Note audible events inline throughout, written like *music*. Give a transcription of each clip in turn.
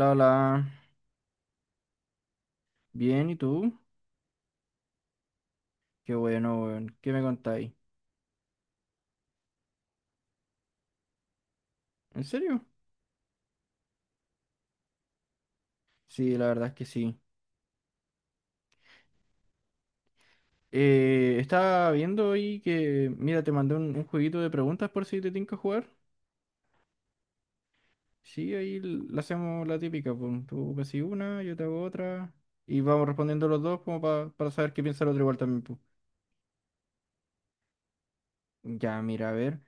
La, la, bien, ¿y tú? Qué bueno, weón. ¿Qué me contáis? ¿En serio? Sí, la verdad es que sí. Estaba viendo ahí que, mira, te mandé un jueguito de preguntas por si te tinca jugar. Sí, ahí la hacemos la típica, pues tú me haces una, yo te hago otra. Y vamos respondiendo los dos como para saber qué piensa el otro igual también, pues. Ya, mira, a ver.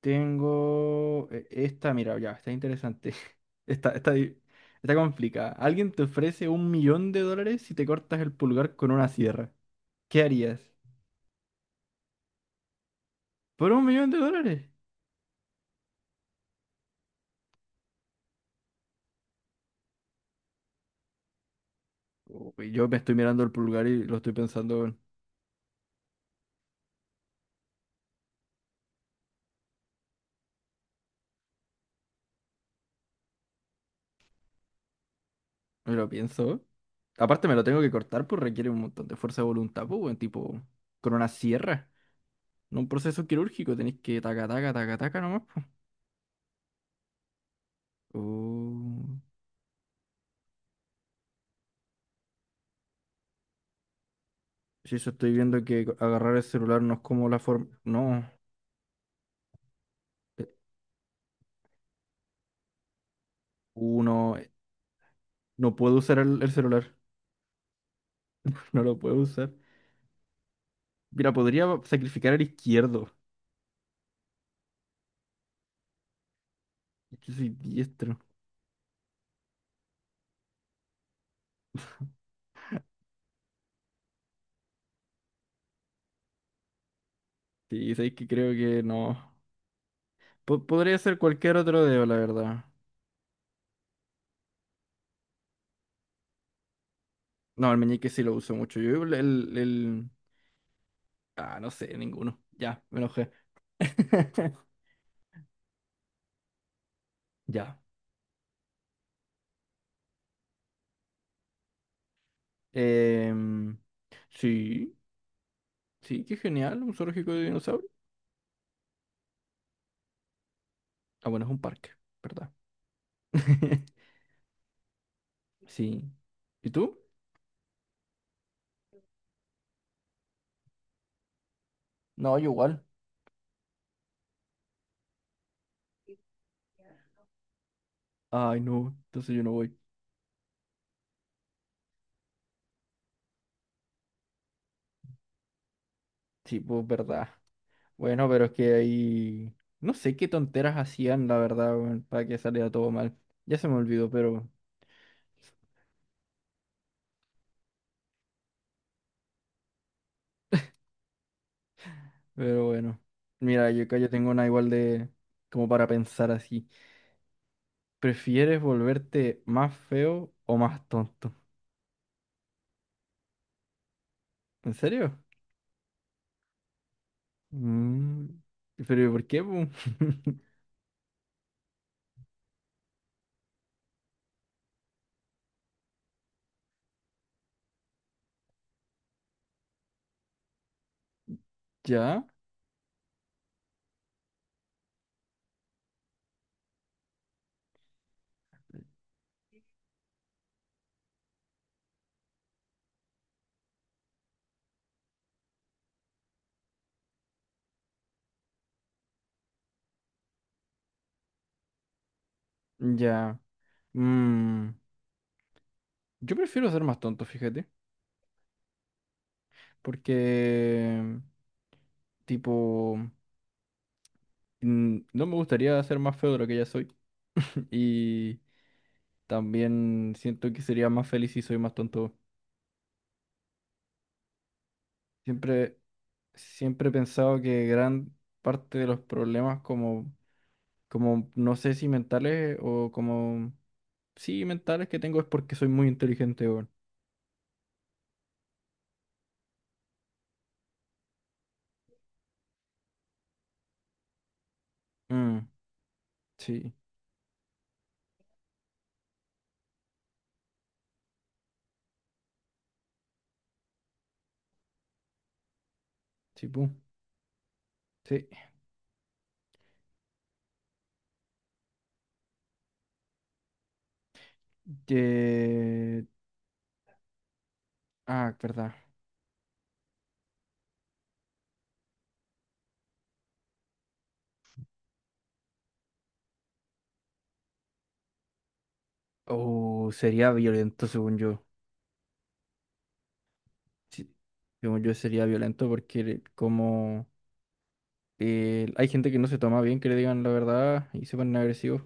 Tengo esta, mira, ya, está interesante. *laughs* Está, está, di- Está complicada. Alguien te ofrece $1.000.000 si te cortas el pulgar con una sierra. ¿Qué harías? ¿Por $1.000.000? Uy, yo me estoy mirando el pulgar y lo estoy pensando, weón. Me lo pienso. Aparte me lo tengo que cortar, pues requiere un montón de fuerza de voluntad, pues, weón, tipo, con una sierra. No un proceso quirúrgico, tenéis que taca, taca, taca, taca nomás, pues. Uh, si eso estoy viendo que agarrar el celular no es como la forma... No. eh, Uno, no puedo usar el celular, *laughs* no lo puedo usar. Mira, podría sacrificar al izquierdo. Es que soy diestro. Sí, sabéis que creo que no. Podría ser cualquier otro dedo, la verdad. No, el meñique sí lo uso mucho. Yo el- Ah, no sé, ninguno. Ya, me enojé. *laughs* Ya. Em, sí, sí, qué genial, un zoológico de dinosaurios. Ah, bueno, es un parque, ¿verdad? *laughs* Sí. ¿Y tú? No, yo igual. Ay, no, entonces yo no voy. Sí, pues verdad. Bueno, pero es que ahí... No sé qué tonteras hacían, la verdad, weón, para que saliera todo mal. Ya se me olvidó, pero... Pero bueno. Mira, yo acá yo tengo una igual de... Como para pensar así. ¿Prefieres volverte más feo o más tonto? ¿En serio? Mm. Pero ¿por qué, po? *laughs* ¿Ya? Ya. Mm, Yo prefiero ser más tonto, fíjate. Porque... Tipo... no me gustaría ser más feo de lo que ya soy. *laughs* Y también siento que sería más feliz si soy más tonto. Siempre, siempre he pensado que gran parte de los problemas como, como no sé si mentales o como, sí, mentales que tengo es porque soy muy inteligente, weón. Mm, sí, sí, pu, sí. Que- Ah, verdad. Oh, sería violento según yo. Sí, según yo sería violento porque como... hay gente que no se toma bien que le digan la verdad y se ponen agresivos.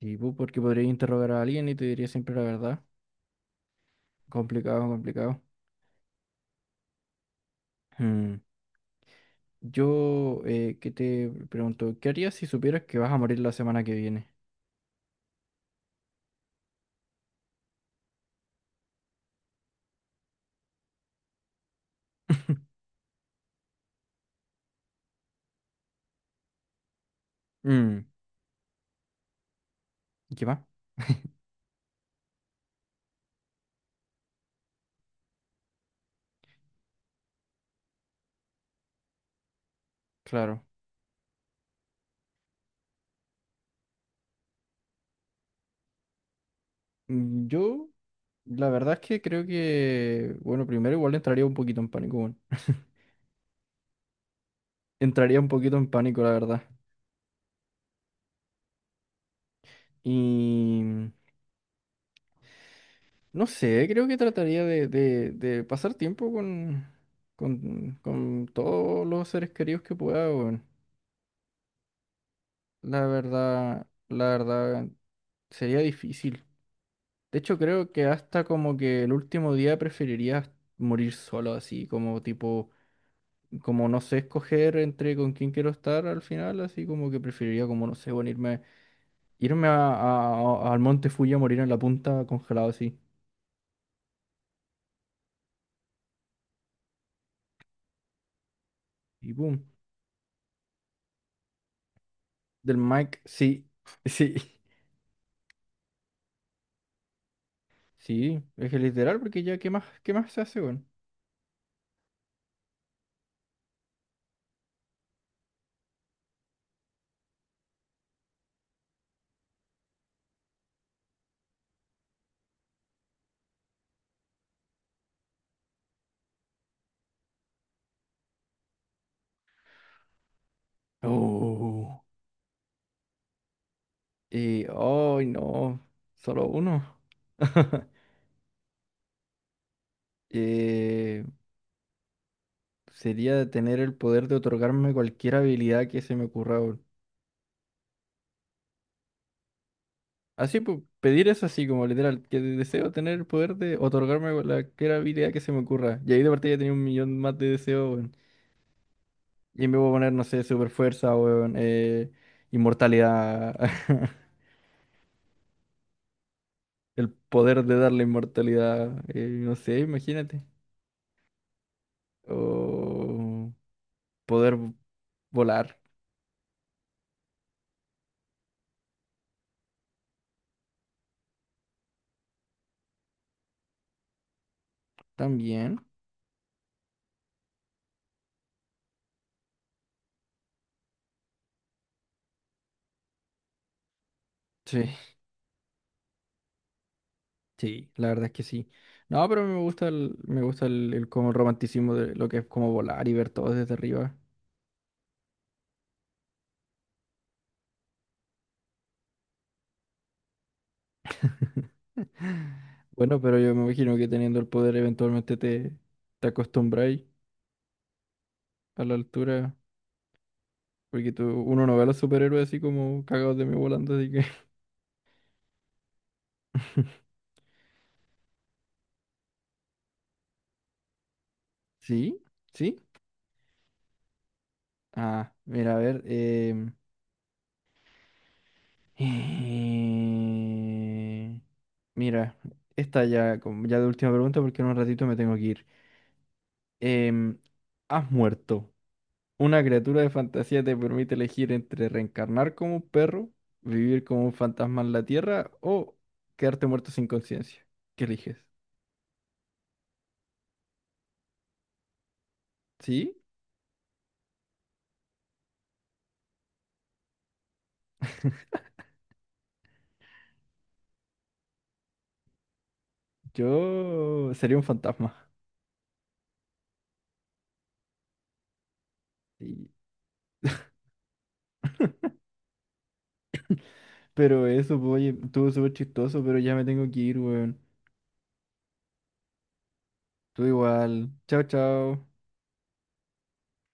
Y pu, porque podrías interrogar a alguien y te diría siempre la verdad. Complicado, complicado. Mm. Yo que te pregunto, ¿qué harías si supieras que vas a morir la semana que viene? *laughs* Mm, ¿y qué más? *laughs* Claro. Yo, la verdad es que creo que, bueno, primero igual entraría un poquito en pánico, bueno. Entraría un poquito en pánico, la verdad. Y no sé, creo que trataría de pasar tiempo con todos los seres queridos que pueda, weón. La verdad, sería difícil. De hecho, creo que hasta como que el último día preferiría morir solo, así como tipo, como no sé escoger entre con quién quiero estar al final, así como que preferiría como, no sé, bueno, irme al Monte Fuji a morir en la punta congelado así. Y boom, del Mike, sí, *laughs* sí. Sí, es que literal, porque ya, qué más se hace, weón? Oh. Y, ay, no, solo uno. *laughs* Eh, sería tener el poder de otorgarme cualquier habilidad que se me ocurra, weón. Así, pues, pedir eso así, como literal, que deseo tener el poder de otorgarme cualquier habilidad que se me ocurra. Y ahí de partida tenía 1.000.000 más de deseos, weón. Y me voy a poner, no sé, super fuerza, weón, inmortalidad. *laughs* El poder de darle inmortalidad, no sé, imagínate. O poder volar también. Sí, sí, la verdad es que sí. No, pero me gusta el, me gusta el como romanticismo de lo que es como volar y ver todo desde arriba. Bueno, pero yo me imagino que teniendo el poder eventualmente te acostumbráis a la altura. Porque tú, uno no ve a los superhéroes así como cagados de mí volando, así que. *laughs* ¿Sí? ¿Sí? Ah, mira, a ver. Eh, Mira, esta ya, ya la última pregunta porque en un ratito me tengo que ir. Em, ¿Has muerto? ¿Una criatura de fantasía te permite elegir entre reencarnar como un perro, vivir como un fantasma en la tierra o quedarte muerto sin conciencia? ¿Qué eliges? Sí, yo sería un fantasma. Sí. Pero eso, pues, oye, estuvo súper chistoso, pero ya me tengo que ir, weón. Tú igual. Chao, chao.